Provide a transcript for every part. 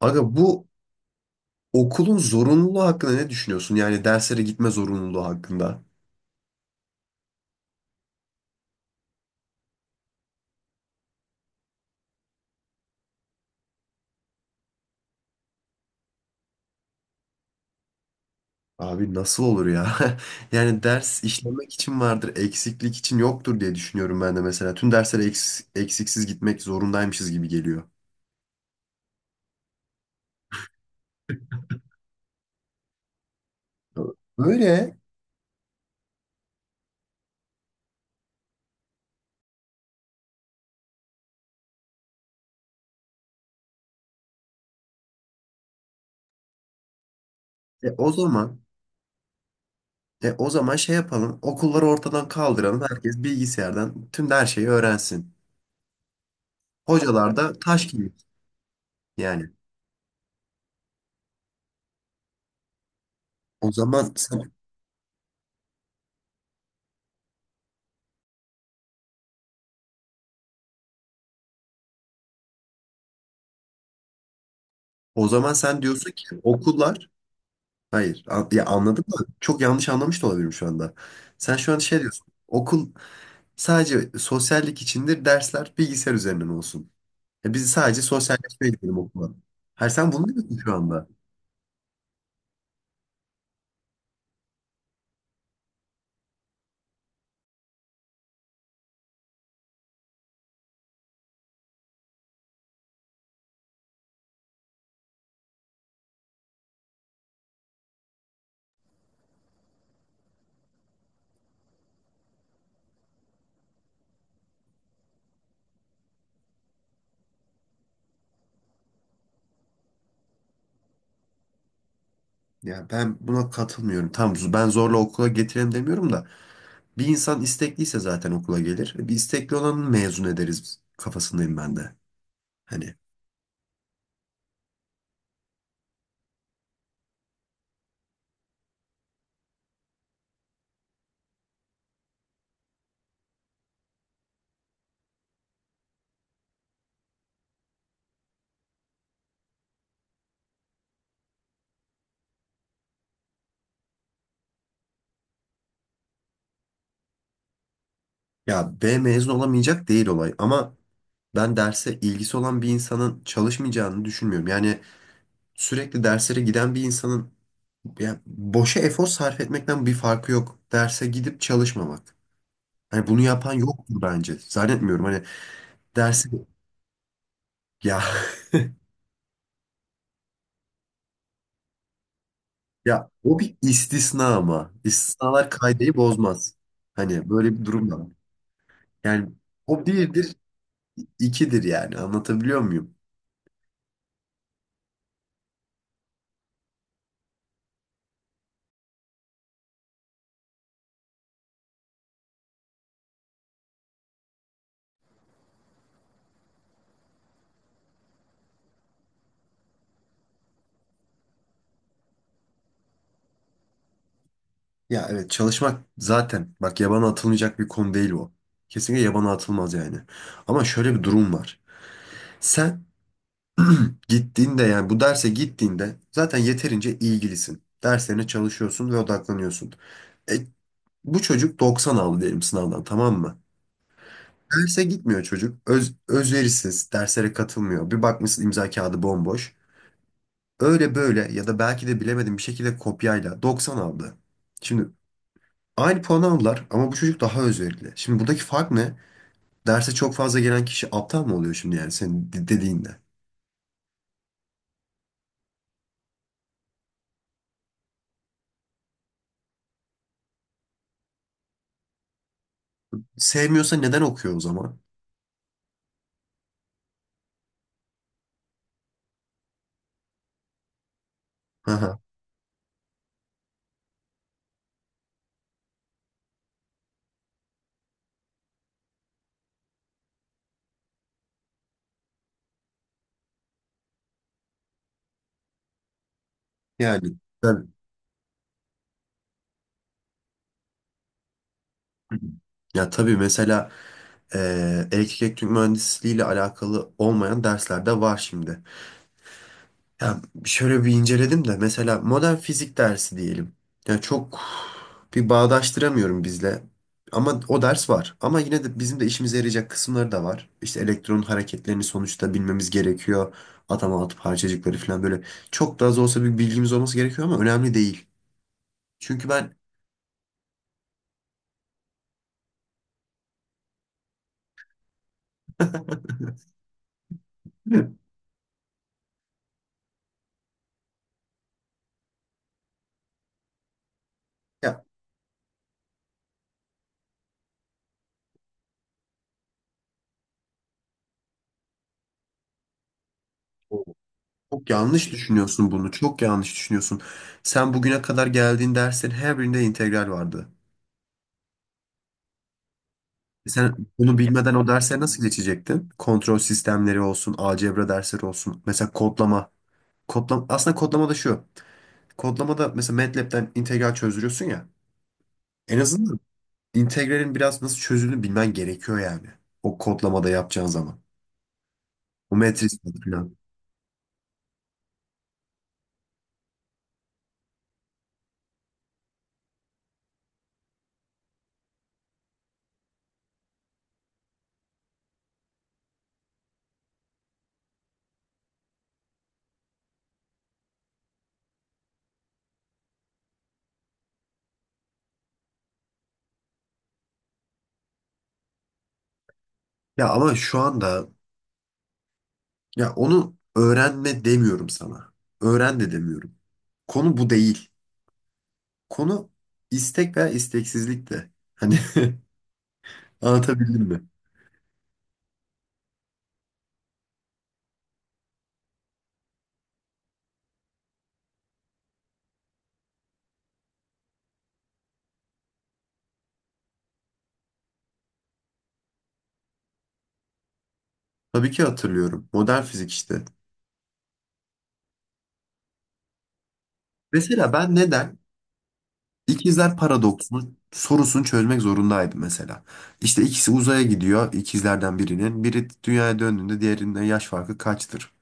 Aga bu okulun zorunluluğu hakkında ne düşünüyorsun? Yani derslere gitme zorunluluğu hakkında. Abi nasıl olur ya? Yani ders işlemek için vardır, eksiklik için yoktur diye düşünüyorum ben de mesela. Tüm derslere eksiksiz gitmek zorundaymışız gibi geliyor. Böyle o zaman o zaman şey yapalım. Okulları ortadan kaldıralım. Herkes bilgisayardan tüm her şeyi öğrensin. Hocalar da taş gibi yani. O zaman sen, o zaman sen diyorsun ki okullar. Hayır. Ya anladım da çok yanlış anlamış da olabilirim şu anda. Sen şu an şey diyorsun. Okul sadece sosyallik içindir. Dersler bilgisayar üzerinden olsun. Ya biz sadece sosyalleşmeye gidelim okula. Hayır, sen bunu diyorsun şu anda. Ya ben buna katılmıyorum. Tamam, ben zorla okula getirelim demiyorum da bir insan istekliyse zaten okula gelir. E, bir istekli olanı mezun ederiz biz kafasındayım ben de. Hani ya B mezun olamayacak değil olay ama ben derse ilgisi olan bir insanın çalışmayacağını düşünmüyorum. Yani sürekli derslere giden bir insanın, yani boşa efor sarf etmekten bir farkı yok. Derse gidip çalışmamak. Hani bunu yapan yoktur bence. Zannetmiyorum. Hani dersi ya o bir istisna ama istisnalar kaideyi bozmaz. Hani böyle bir durum da var. Yani o birdir, ikidir yani. Anlatabiliyor muyum? Ya evet, çalışmak zaten bak yabana atılmayacak bir konu değil o. Kesinlikle yabana atılmaz yani. Ama şöyle bir durum var. Sen gittiğinde, yani bu derse gittiğinde zaten yeterince ilgilisin. Derslerine çalışıyorsun ve odaklanıyorsun. E, bu çocuk 90 aldı diyelim sınavdan, tamam mı? Derse gitmiyor çocuk. Özverisiz, derslere katılmıyor. Bir bakmışsın imza kağıdı bomboş. Öyle böyle ya da belki de bilemedim, bir şekilde kopyayla 90 aldı. Şimdi aynı puanı aldılar ama bu çocuk daha özverili. Şimdi buradaki fark ne? Derse çok fazla gelen kişi aptal mı oluyor şimdi yani senin dediğinde? Sevmiyorsa neden okuyor o zaman? Aha, yani. Ya tabii, mesela elektrik elektronik mühendisliği ile alakalı olmayan dersler de var şimdi. Ya şöyle bir inceledim de, mesela modern fizik dersi diyelim. Ya çok bir bağdaştıramıyorum bizle. Ama o ders var. Ama yine de bizim de işimize yarayacak kısımları da var. İşte elektronun hareketlerini sonuçta bilmemiz gerekiyor. Atom atıp parçacıkları falan böyle. Çok da az olsa bir bilgimiz olması gerekiyor ama önemli değil. Çünkü ben. Değil ya. Çok yanlış düşünüyorsun bunu. Çok yanlış düşünüyorsun. Sen bugüne kadar geldiğin derslerin her birinde integral vardı. E, sen bunu bilmeden o derse nasıl geçecektin? Kontrol sistemleri olsun, algebra dersleri olsun. Mesela kodlama. Kodlama, aslında kodlama da şu. Kodlama da mesela MATLab'den integral çözdürüyorsun ya. En azından integralin biraz nasıl çözüldüğünü bilmen gerekiyor yani. O kodlamada yapacağın zaman. O matris falan. Ya ama şu anda, ya onu öğrenme demiyorum sana. Öğren de demiyorum. Konu bu değil. Konu istek veya isteksizlik de. Hani anlatabildim mi? Tabii ki hatırlıyorum. Modern fizik işte. Mesela ben neden ikizler paradoksunu sorusunu çözmek zorundaydım mesela. İşte ikisi uzaya gidiyor ikizlerden birinin. Biri dünyaya döndüğünde diğerinin yaş farkı kaçtır?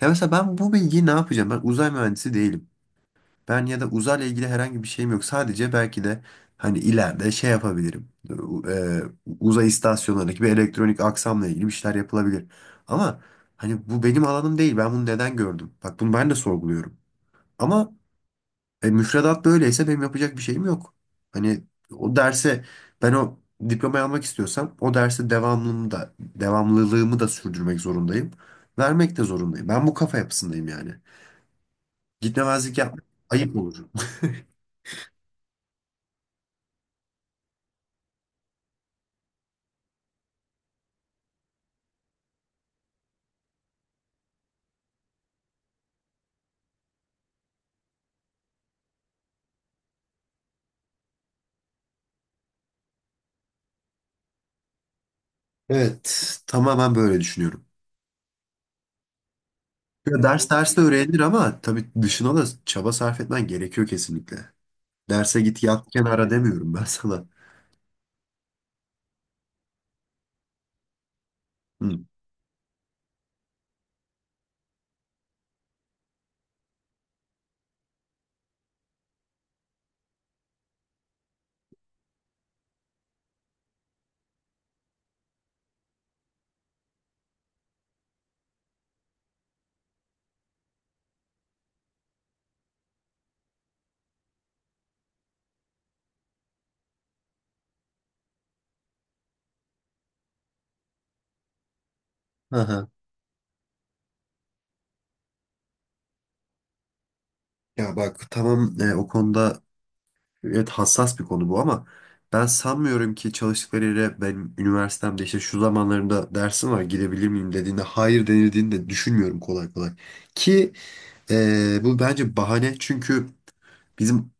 Ya mesela ben bu bilgiyi ne yapacağım? Ben uzay mühendisi değilim. Ben ya da uzayla ilgili herhangi bir şeyim yok. Sadece belki de hani ileride şey yapabilirim. U- e, Uzay istasyonlarındaki bir elektronik aksamla ilgili bir şeyler yapılabilir. Ama hani bu benim alanım değil. Ben bunu neden gördüm? Bak bunu ben de sorguluyorum. Ama müfredat böyleyse benim yapacak bir şeyim yok. Hani o derse, ben o diplomayı almak istiyorsam o derse devamlılığımı da sürdürmek zorundayım. Vermek de zorundayım. Ben bu kafa yapısındayım yani. Gitmemezlik yapmak ayıp olur. Evet, tamamen böyle düşünüyorum. Ya ders derste öğrenilir ama tabii dışına da çaba sarf etmen gerekiyor kesinlikle. Derse git yat kenara demiyorum ben sana. Hı. Aha. Ya bak tamam, o konuda evet, hassas bir konu bu ama ben sanmıyorum ki çalıştıkları yere benim üniversitemde işte şu zamanlarında dersim var gidebilir miyim dediğinde hayır denildiğini de düşünmüyorum kolay kolay. Ki bu bence bahane çünkü bizim,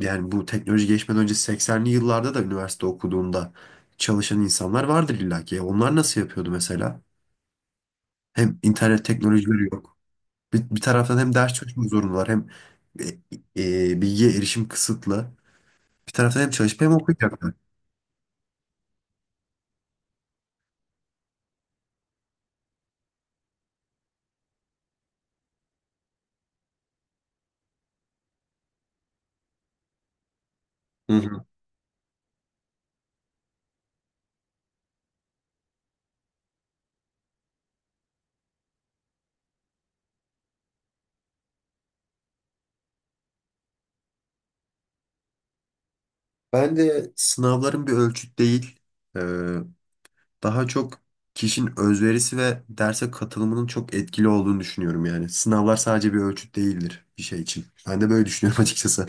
yani bu teknoloji geçmeden önce 80'li yıllarda da üniversite okuduğunda çalışan insanlar vardır illa ki. Ya onlar nasıl yapıyordu mesela? Hem internet teknolojileri yok. Bir taraftan hem ders çalışmak zorundalar hem e, bilgiye erişim kısıtlı. Bir taraftan hem çalışıp hem okuyacaklar. Hı hı. Ben de sınavların bir ölçüt değil, e, daha çok kişinin özverisi ve derse katılımının çok etkili olduğunu düşünüyorum yani. Sınavlar sadece bir ölçüt değildir bir şey için. Ben de böyle düşünüyorum açıkçası.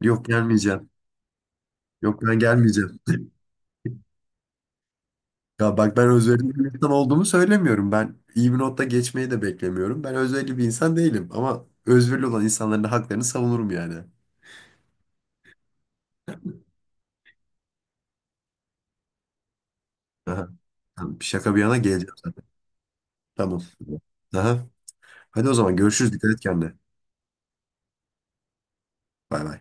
Yok, gelmeyeceğim. Yok, ben gelmeyeceğim. Ya bak, ben özverili bir insan olduğumu söylemiyorum. Ben iyi bir notta geçmeyi de beklemiyorum. Ben özverili bir insan değilim. Ama özverili olan insanların da haklarını savunurum yani. Aha. Tamam, şaka bir yana geleceğim zaten. Tamam. Aha. Hadi o zaman görüşürüz. Dikkat et kendine. Bay bay.